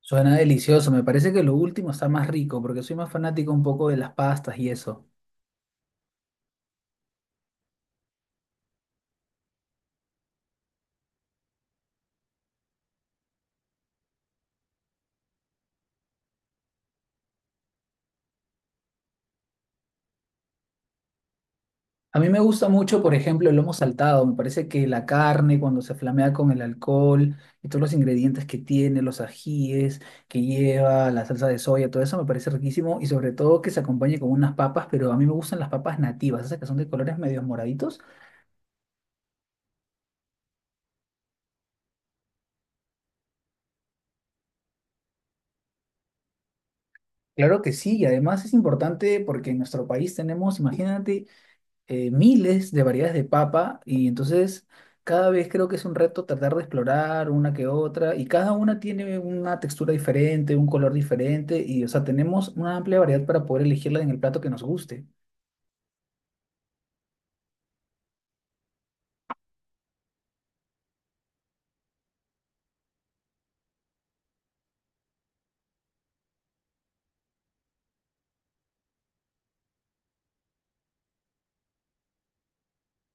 Suena delicioso, me parece que lo último está más rico porque soy más fanático un poco de las pastas y eso. A mí me gusta mucho, por ejemplo, el lomo saltado, me parece que la carne cuando se flamea con el alcohol y todos los ingredientes que tiene, los ajíes que lleva, la salsa de soya, todo eso me parece riquísimo y sobre todo que se acompañe con unas papas, pero a mí me gustan las papas nativas, esas que son de colores medios moraditos. Claro que sí, y además es importante porque en nuestro país tenemos, imagínate, miles de variedades de papa y entonces cada vez creo que es un reto tratar de explorar una que otra y cada una tiene una textura diferente, un color diferente y o sea, tenemos una amplia variedad para poder elegirla en el plato que nos guste.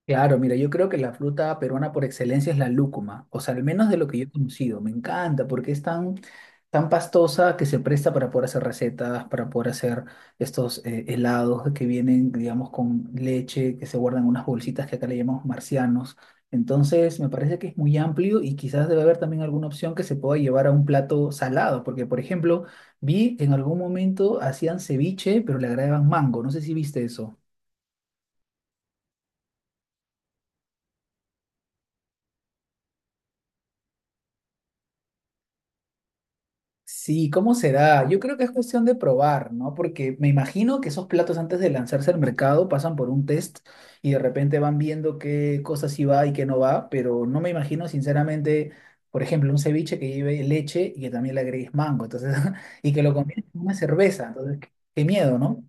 Claro, mira, yo creo que la fruta peruana por excelencia es la lúcuma, o sea, al menos de lo que yo he conocido, me encanta porque es tan, tan pastosa que se presta para poder hacer recetas, para poder hacer estos helados que vienen, digamos, con leche, que se guardan en unas bolsitas que acá le llamamos marcianos. Entonces, me parece que es muy amplio y quizás debe haber también alguna opción que se pueda llevar a un plato salado, porque, por ejemplo, vi en algún momento hacían ceviche, pero le agregaban mango, no sé si viste eso. Sí, ¿cómo será? Yo creo que es cuestión de probar, ¿no? Porque me imagino que esos platos antes de lanzarse al mercado pasan por un test y de repente van viendo qué cosas sí va y qué no va, pero no me imagino sinceramente, por ejemplo, un ceviche que lleve leche y que también le agregues mango, entonces, y que lo combines con una cerveza, entonces, qué, qué miedo, ¿no?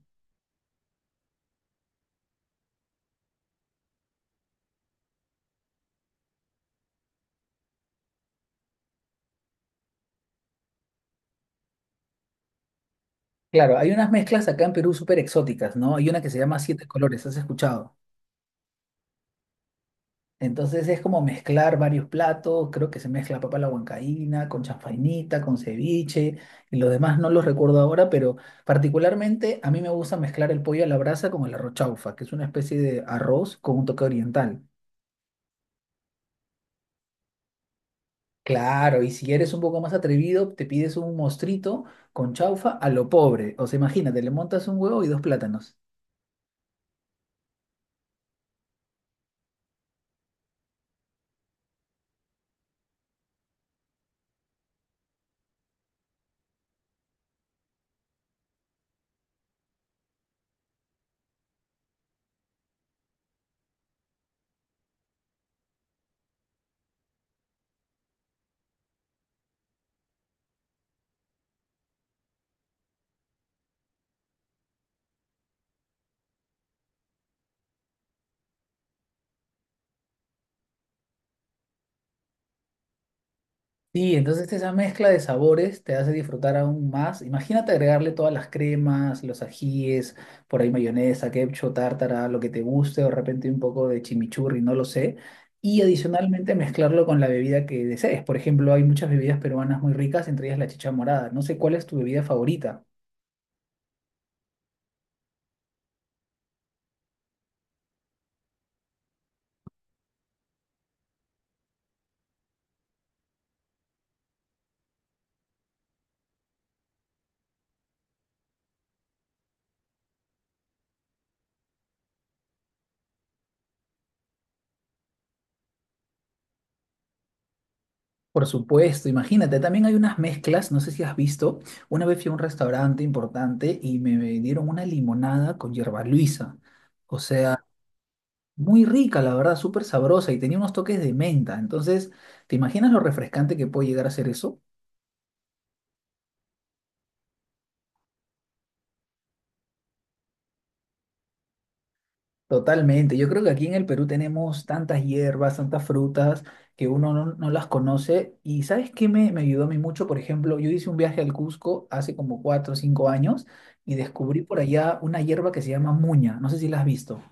Claro, hay unas mezclas acá en Perú súper exóticas, ¿no? Hay una que se llama Siete Colores, ¿has escuchado? Entonces es como mezclar varios platos, creo que se mezcla papa a la huancaína, con chanfainita, con ceviche, y los demás no los recuerdo ahora, pero particularmente a mí me gusta mezclar el pollo a la brasa con el arroz chaufa, que es una especie de arroz con un toque oriental. Claro, y si eres un poco más atrevido, te pides un mostrito con chaufa a lo pobre. O sea, imagínate, le montas un huevo y dos plátanos. Sí, entonces esa mezcla de sabores te hace disfrutar aún más. Imagínate agregarle todas las cremas, los ajíes, por ahí mayonesa, ketchup, tártara, lo que te guste, o de repente un poco de chimichurri, no lo sé. Y adicionalmente mezclarlo con la bebida que desees. Por ejemplo, hay muchas bebidas peruanas muy ricas, entre ellas la chicha morada. No sé cuál es tu bebida favorita. Por supuesto, imagínate, también hay unas mezclas, no sé si has visto, una vez fui a un restaurante importante y me dieron una limonada con hierba luisa. O sea, muy rica, la verdad, súper sabrosa y tenía unos toques de menta. Entonces, ¿te imaginas lo refrescante que puede llegar a ser eso? Totalmente. Yo creo que aquí en el Perú tenemos tantas hierbas, tantas frutas que uno no, no las conoce. ¿Y sabes qué me, me ayudó a mí mucho? Por ejemplo, yo hice un viaje al Cusco hace como 4 o 5 años y descubrí por allá una hierba que se llama muña. No sé si la has visto.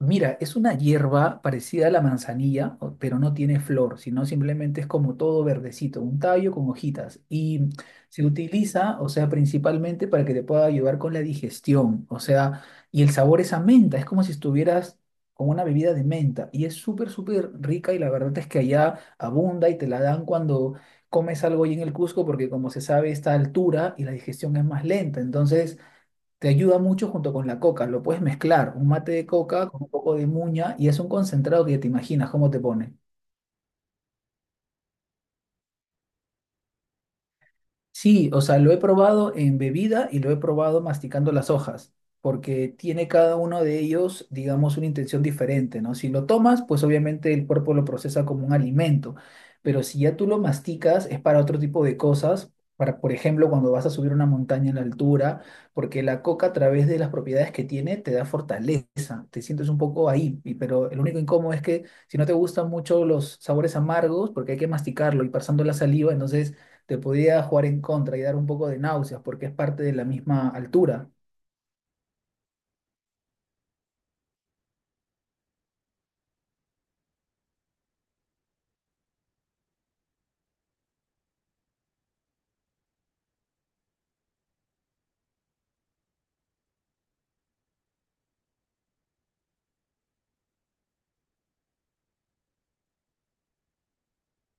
Mira, es una hierba parecida a la manzanilla, pero no tiene flor, sino simplemente es como todo verdecito, un tallo con hojitas. Y se utiliza, o sea, principalmente para que te pueda ayudar con la digestión, o sea, y el sabor es a menta, es como si estuvieras con una bebida de menta. Y es súper, súper rica y la verdad es que allá abunda y te la dan cuando comes algo ahí en el Cusco, porque como se sabe, está a altura y la digestión es más lenta. Entonces. Te ayuda mucho junto con la coca. Lo puedes mezclar, un mate de coca con un poco de muña y es un concentrado que te imaginas cómo te pone. Sí, o sea, lo he probado en bebida y lo he probado masticando las hojas, porque tiene cada uno de ellos, digamos, una intención diferente, ¿no? Si lo tomas, pues obviamente el cuerpo lo procesa como un alimento, pero si ya tú lo masticas es para otro tipo de cosas, para, por ejemplo, cuando vas a subir una montaña en la altura, porque la coca a través de las propiedades que tiene te da fortaleza, te sientes un poco ahí, pero el único incómodo es que si no te gustan mucho los sabores amargos, porque hay que masticarlo y pasando la saliva, entonces te podía jugar en contra y dar un poco de náuseas porque es parte de la misma altura.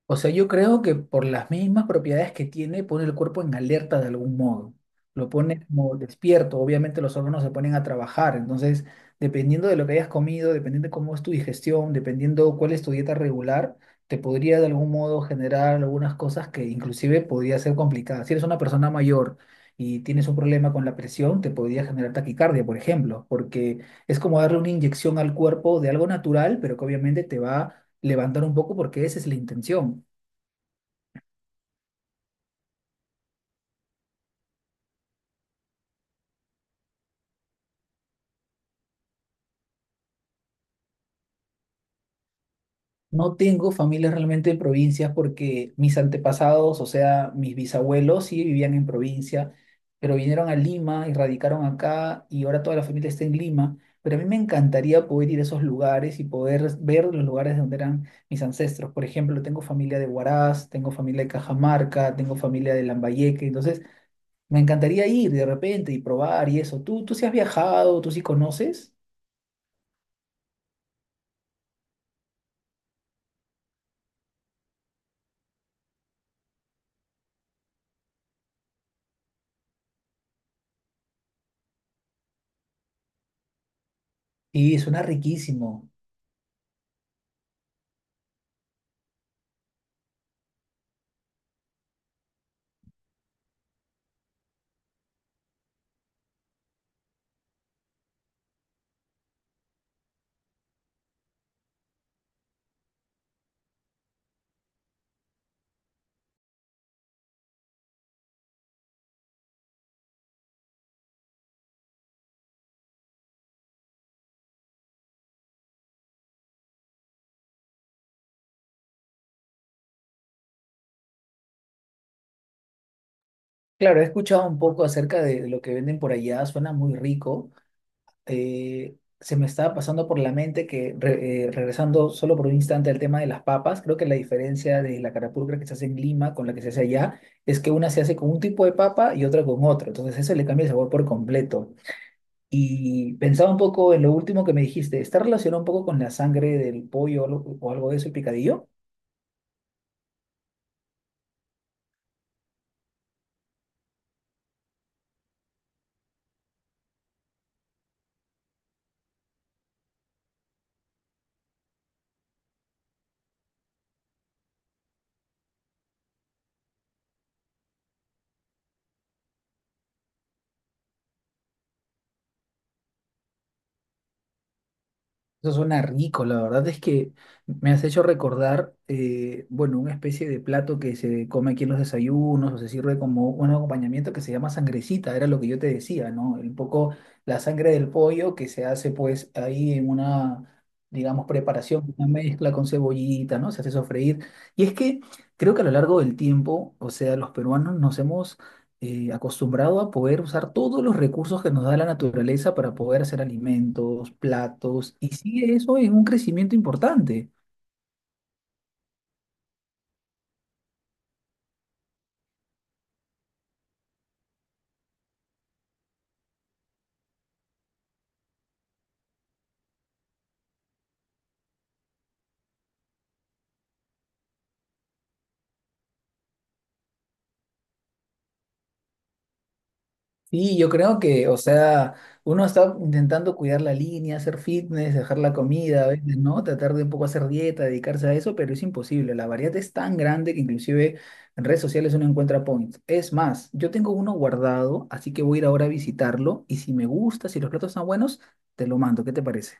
O sea, yo creo que por las mismas propiedades que tiene, pone el cuerpo en alerta de algún modo. Lo pone como despierto. Obviamente los órganos se ponen a trabajar. Entonces, dependiendo de lo que hayas comido, dependiendo de cómo es tu digestión, dependiendo cuál es tu dieta regular, te podría de algún modo generar algunas cosas que inclusive podría ser complicadas. Si eres una persona mayor y tienes un problema con la presión, te podría generar taquicardia, por ejemplo, porque es como darle una inyección al cuerpo de algo natural, pero que obviamente te va a levantar un poco porque esa es la intención. No tengo familia realmente de provincias porque mis antepasados, o sea, mis bisabuelos sí vivían en provincia, pero vinieron a Lima y radicaron acá y ahora toda la familia está en Lima. Pero a mí me encantaría poder ir a esos lugares y poder ver los lugares donde eran mis ancestros. Por ejemplo, tengo familia de Huaraz, tengo familia de Cajamarca, tengo familia de Lambayeque. Entonces, me encantaría ir de repente y probar y eso. ¿Tú, tú sí has viajado? ¿Tú sí conoces? Y suena riquísimo. Claro, he escuchado un poco acerca de, lo que venden por allá, suena muy rico. Se me estaba pasando por la mente que, regresando solo por un instante al tema de las papas, creo que la diferencia de la carapulcra que se hace en Lima con la que se hace allá es que una se hace con un tipo de papa y otra con otro. Entonces eso le cambia el sabor por completo. Y pensaba un poco en lo último que me dijiste, ¿está relacionado un poco con la sangre del pollo o algo de eso, el picadillo? Eso suena rico, la verdad es que me has hecho recordar, bueno, una especie de plato que se come aquí en los desayunos o se sirve como un acompañamiento que se llama sangrecita, era lo que yo te decía, ¿no? Un poco la sangre del pollo que se hace pues ahí en una, digamos, preparación, una mezcla con cebollita, ¿no? Se hace sofreír. Y es que creo que a lo largo del tiempo, o sea, los peruanos nos hemos acostumbrado a poder usar todos los recursos que nos da la naturaleza para poder hacer alimentos, platos, y sigue eso en un crecimiento importante. Sí, yo creo que, o sea, uno está intentando cuidar la línea, hacer fitness, dejar la comida, a veces, ¿no? Tratar de un poco hacer dieta, dedicarse a eso, pero es imposible. La variedad es tan grande que inclusive en redes sociales uno encuentra points. Es más, yo tengo uno guardado, así que voy a ir ahora a visitarlo y si me gusta, si los platos están buenos, te lo mando. ¿Qué te parece?